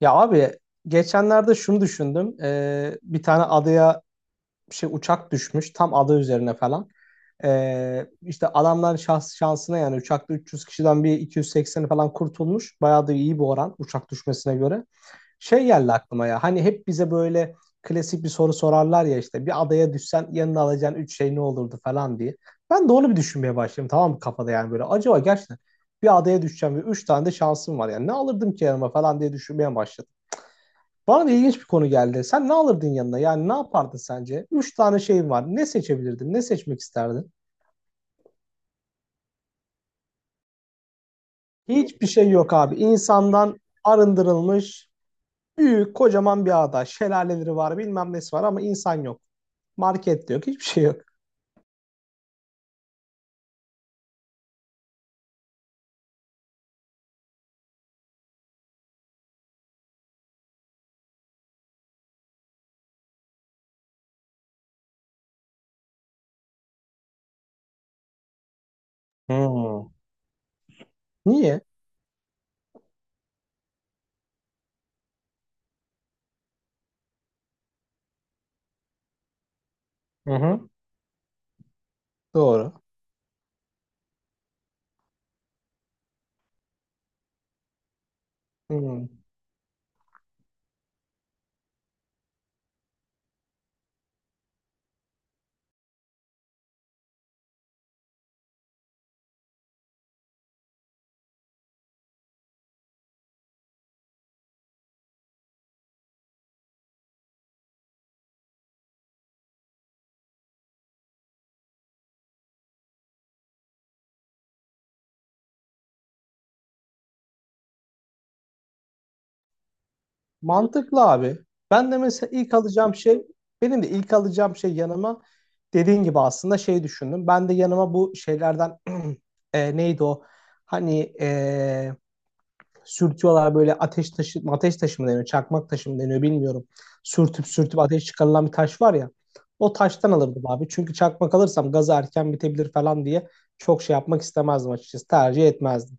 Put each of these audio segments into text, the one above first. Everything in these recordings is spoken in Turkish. Ya abi geçenlerde şunu düşündüm. Bir tane adaya bir şey uçak düşmüş tam ada üzerine falan. İşte adamların şansına yani uçakta 300 kişiden bir 280'i falan kurtulmuş. Bayağı da iyi bir oran uçak düşmesine göre. Şey geldi aklıma ya hani hep bize böyle klasik bir soru sorarlar ya işte bir adaya düşsen yanına alacağın 3 şey ne olurdu falan diye. Ben de onu bir düşünmeye başladım tamam mı kafada yani böyle acaba gerçekten bir adaya düşeceğim ve 3 tane de şansım var yani ne alırdım ki yanıma falan diye düşünmeye başladım. Bana da ilginç bir konu geldi. Sen ne alırdın yanına? Yani ne yapardın sence? Üç tane şeyin var. Ne seçebilirdin? Ne seçmek isterdin? Hiçbir şey yok abi. İnsandan arındırılmış büyük kocaman bir ada. Şelaleleri var bilmem nesi var ama insan yok. Market de yok. Hiçbir şey yok. Hmm. Niye? Hı hı. Doğru. Hmm. Mantıklı abi. Ben de mesela ilk alacağım şey, benim de ilk alacağım şey yanıma dediğin gibi aslında şey düşündüm. Ben de yanıma bu şeylerden neydi o? Hani sürtüyorlar böyle ateş taşı, ateş taşı mı deniyor, çakmak taşı mı deniyor bilmiyorum. Sürtüp sürtüp ateş çıkarılan bir taş var ya. O taştan alırdım abi. Çünkü çakmak alırsam gazı erken bitebilir falan diye çok şey yapmak istemezdim açıkçası. Tercih etmezdim.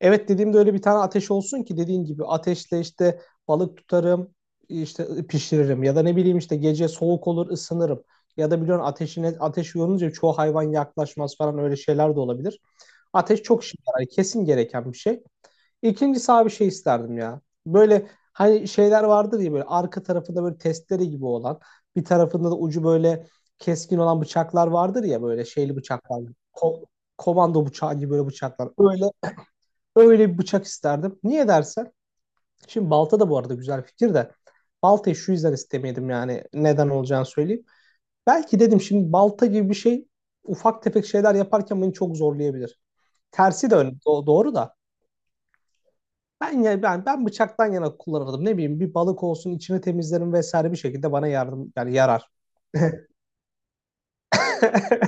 Evet dediğimde öyle bir tane ateş olsun ki dediğin gibi ateşle işte balık tutarım, işte pişiririm ya da ne bileyim işte gece soğuk olur ısınırım. Ya da biliyorsun ateşine ateş yorulunca çoğu hayvan yaklaşmaz falan öyle şeyler de olabilir. Ateş çok işe yarar, kesin gereken bir şey. İkincisi abi şey isterdim ya. Böyle hani şeyler vardır ya böyle arka tarafında böyle testere gibi olan, bir tarafında da ucu böyle keskin olan bıçaklar vardır ya böyle şeyli bıçaklar. Ko- komando bıçağı gibi böyle bıçaklar. Öyle bir bıçak isterdim. Niye dersen? Şimdi balta da bu arada güzel fikir de. Baltayı şu yüzden istemedim yani. Neden olacağını söyleyeyim. Belki dedim şimdi balta gibi bir şey ufak tefek şeyler yaparken beni çok zorlayabilir. Tersi de doğru da. Ben ya ben ben bıçaktan yana kullanırdım. Ne bileyim bir balık olsun içini temizlerim vesaire bir şekilde bana yardım yani yarar.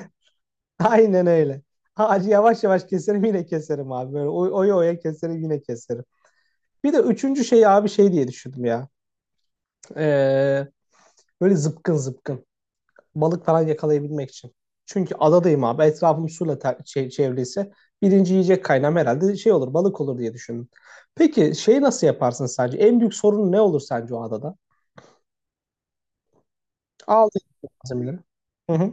Aynen öyle. Ağacı yavaş yavaş keserim yine keserim abi. Böyle oya oya keserim yine keserim. Bir de üçüncü şey abi şey diye düşündüm ya. Ee, Böyle zıpkın zıpkın. Balık falan yakalayabilmek için. Çünkü adadayım abi. Etrafım suyla çevriliyse birinci yiyecek kaynağım herhalde şey olur balık olur diye düşündüm. Peki şeyi nasıl yaparsın sence? En büyük sorun ne olur sence o adada? Aldın malzemeleri. Hı hı.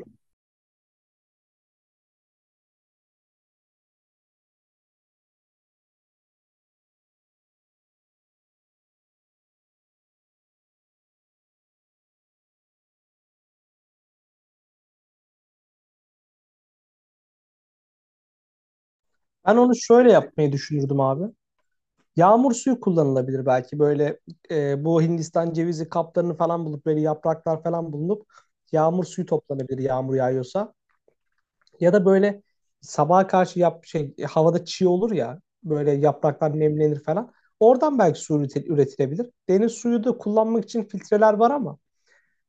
Ben onu şöyle yapmayı düşünürdüm abi. Yağmur suyu kullanılabilir belki böyle bu Hindistan cevizi kaplarını falan bulup böyle yapraklar falan bulunup yağmur suyu toplanabilir yağmur yağıyorsa. Ya da böyle sabaha karşı yap şey havada çiğ olur ya böyle yapraklar nemlenir falan. Oradan belki su üretilebilir. Deniz suyu da kullanmak için filtreler var ama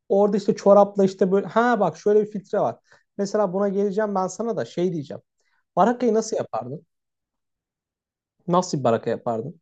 orada işte çorapla işte böyle ha bak şöyle bir filtre var. Mesela buna geleceğim ben sana da şey diyeceğim. Barakayı nasıl yapardın? Nasıl bir baraka yapardın?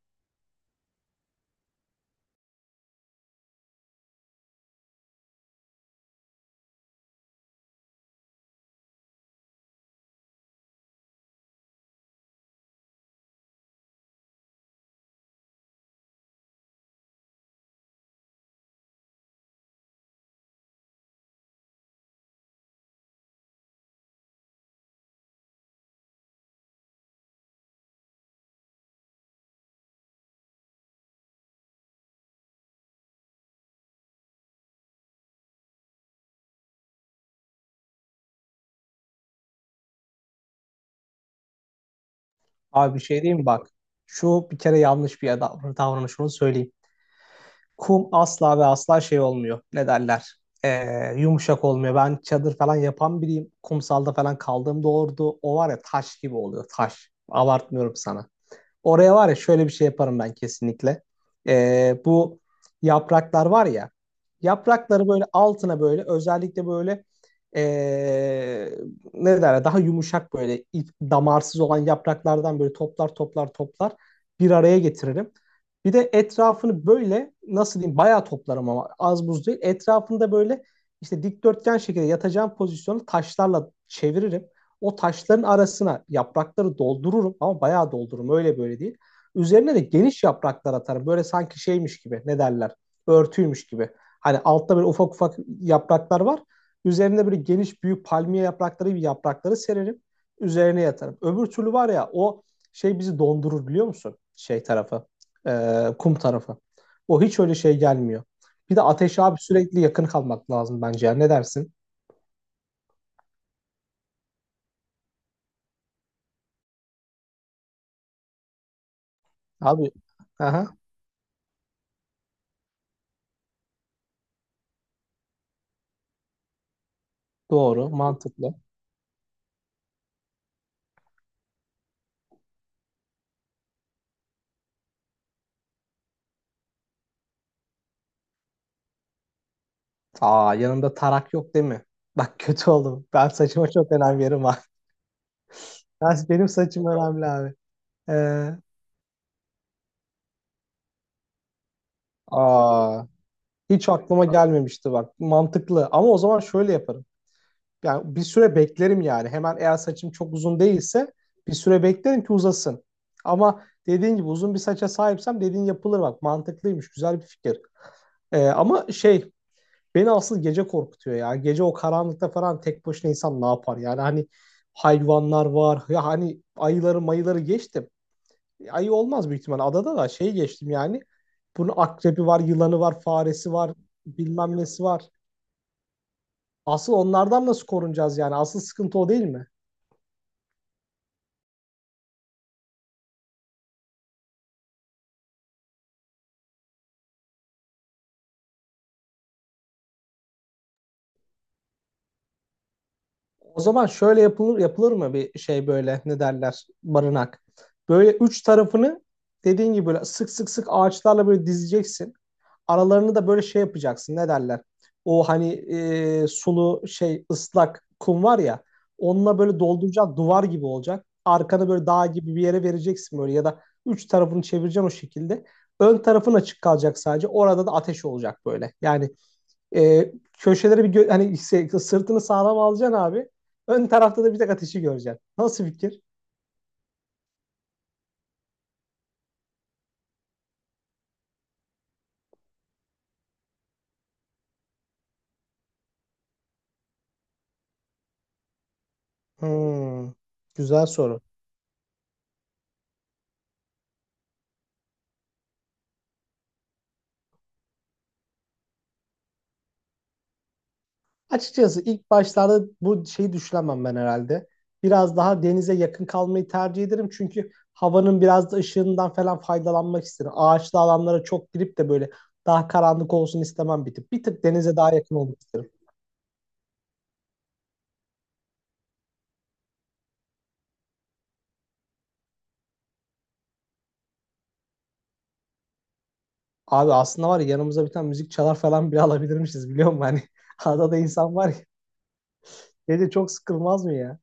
Abi bir şey diyeyim mi? Bak. Şu bir kere yanlış bir davranış onu söyleyeyim. Kum asla ve asla şey olmuyor. Ne derler? Yumuşak olmuyor. Ben çadır falan yapan biriyim. Kumsalda falan kaldığımda orada o var ya taş gibi oluyor. Taş. Abartmıyorum sana. Oraya var ya şöyle bir şey yaparım ben kesinlikle. Bu yapraklar var ya. Yaprakları böyle altına böyle özellikle böyle ee, ne derler daha yumuşak böyle damarsız olan yapraklardan böyle toplar toplar toplar bir araya getiririm. Bir de etrafını böyle nasıl diyeyim bayağı toplarım ama az buz değil. Etrafında böyle işte dikdörtgen şekilde yatacağım pozisyonu taşlarla çeviririm. O taşların arasına yaprakları doldururum ama bayağı doldururum öyle böyle değil. Üzerine de geniş yapraklar atarım. Böyle sanki şeymiş gibi ne derler örtüymüş gibi. Hani altta böyle ufak ufak yapraklar var. Üzerine böyle geniş büyük palmiye yaprakları gibi yaprakları sererim. Üzerine yatarım. Öbür türlü var ya o şey bizi dondurur biliyor musun? Şey tarafı. Kum tarafı. O hiç öyle şey gelmiyor. Bir de ateşe abi sürekli yakın kalmak lazım bence ya. Ne dersin? Abi aha, doğru mantıklı. Aa yanımda tarak yok değil mi? Bak kötü oldum. Ben saçıma çok önem veririm abi. Benim saçım önemli abi. Ee, aa, Hiç aklıma gelmemişti bak. Mantıklı. Ama o zaman şöyle yaparım. Yani bir süre beklerim yani. Hemen eğer saçım çok uzun değilse bir süre beklerim ki uzasın. Ama dediğin gibi uzun bir saça sahipsem dediğin yapılır bak. Mantıklıymış. Güzel bir fikir. Ama şey beni asıl gece korkutuyor ya. Gece o karanlıkta falan tek başına insan ne yapar? Yani hani hayvanlar var. Ya hani ayıları mayıları geçtim. Ayı olmaz büyük ihtimal. Adada da şey geçtim yani. Bunun akrebi var, yılanı var, faresi var, bilmem nesi var. Asıl onlardan nasıl korunacağız yani? Asıl sıkıntı o değil mi? O zaman şöyle yapılır yapılır mı bir şey böyle ne derler barınak. Böyle üç tarafını dediğin gibi böyle sık sık sık ağaçlarla böyle dizeceksin. Aralarını da böyle şey yapacaksın ne derler. O hani sulu şey ıslak kum var ya onunla böyle dolduracak duvar gibi olacak. Arkanı böyle dağ gibi bir yere vereceksin böyle ya da üç tarafını çevireceksin o şekilde. Ön tarafın açık kalacak sadece. Orada da ateş olacak böyle. Yani köşeleri bir hani sırtını sağlam alacaksın abi. Ön tarafta da bir tek ateşi göreceksin. Nasıl fikir? Hmm, güzel soru. Açıkçası ilk başlarda bu şeyi düşünemem ben herhalde. Biraz daha denize yakın kalmayı tercih ederim. Çünkü havanın biraz da ışığından falan faydalanmak isterim. Ağaçlı alanlara çok girip de böyle daha karanlık olsun istemem bir tık. Bir tık denize daha yakın olmak isterim. Abi aslında var ya yanımıza bir tane müzik çalar falan bile alabilirmişiz biliyor musun? Hani adada insan var ya. Gece çok sıkılmaz mı ya?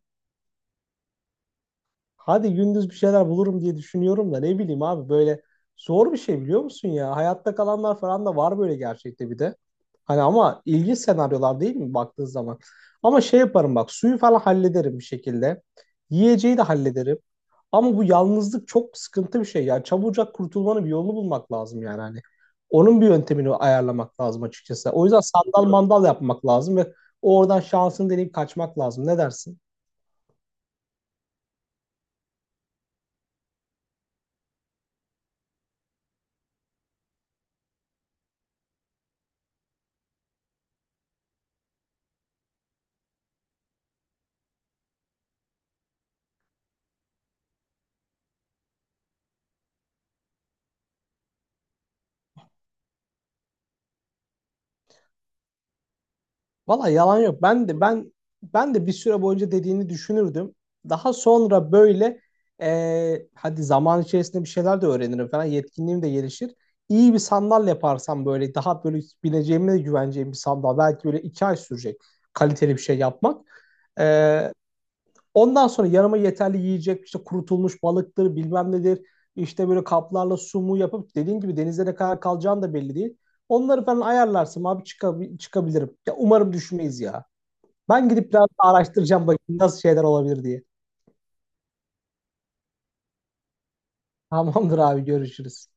Hadi gündüz bir şeyler bulurum diye düşünüyorum da ne bileyim abi böyle zor bir şey biliyor musun ya? Hayatta kalanlar falan da var böyle gerçekte bir de. Hani ama ilginç senaryolar değil mi baktığın zaman? Ama şey yaparım bak suyu falan hallederim bir şekilde. Yiyeceği de hallederim. Ama bu yalnızlık çok sıkıntı bir şey. Yani çabucak kurtulmanın bir yolunu bulmak lazım yani hani. Onun bir yöntemini ayarlamak lazım açıkçası. O yüzden sandal mandal yapmak lazım ve oradan şansını deneyip kaçmak lazım. Ne dersin? Valla yalan yok. Ben de bir süre boyunca dediğini düşünürdüm. Daha sonra böyle hadi zaman içerisinde bir şeyler de öğrenirim falan. Yetkinliğim de gelişir. İyi bir sandal yaparsam böyle daha böyle bineceğime de güveneceğim bir sandal. Belki böyle 2 ay sürecek kaliteli bir şey yapmak. E, Ondan sonra yanıma yeterli yiyecek işte kurutulmuş balıktır bilmem nedir. İşte böyle kaplarla sumu yapıp dediğin gibi denizde ne kadar kalacağım da belli değil. Onları falan ayarlarsın abi çıkabilirim. Ya umarım düşmeyiz ya. Ben gidip biraz araştıracağım bakayım nasıl şeyler olabilir diye. Tamamdır abi görüşürüz.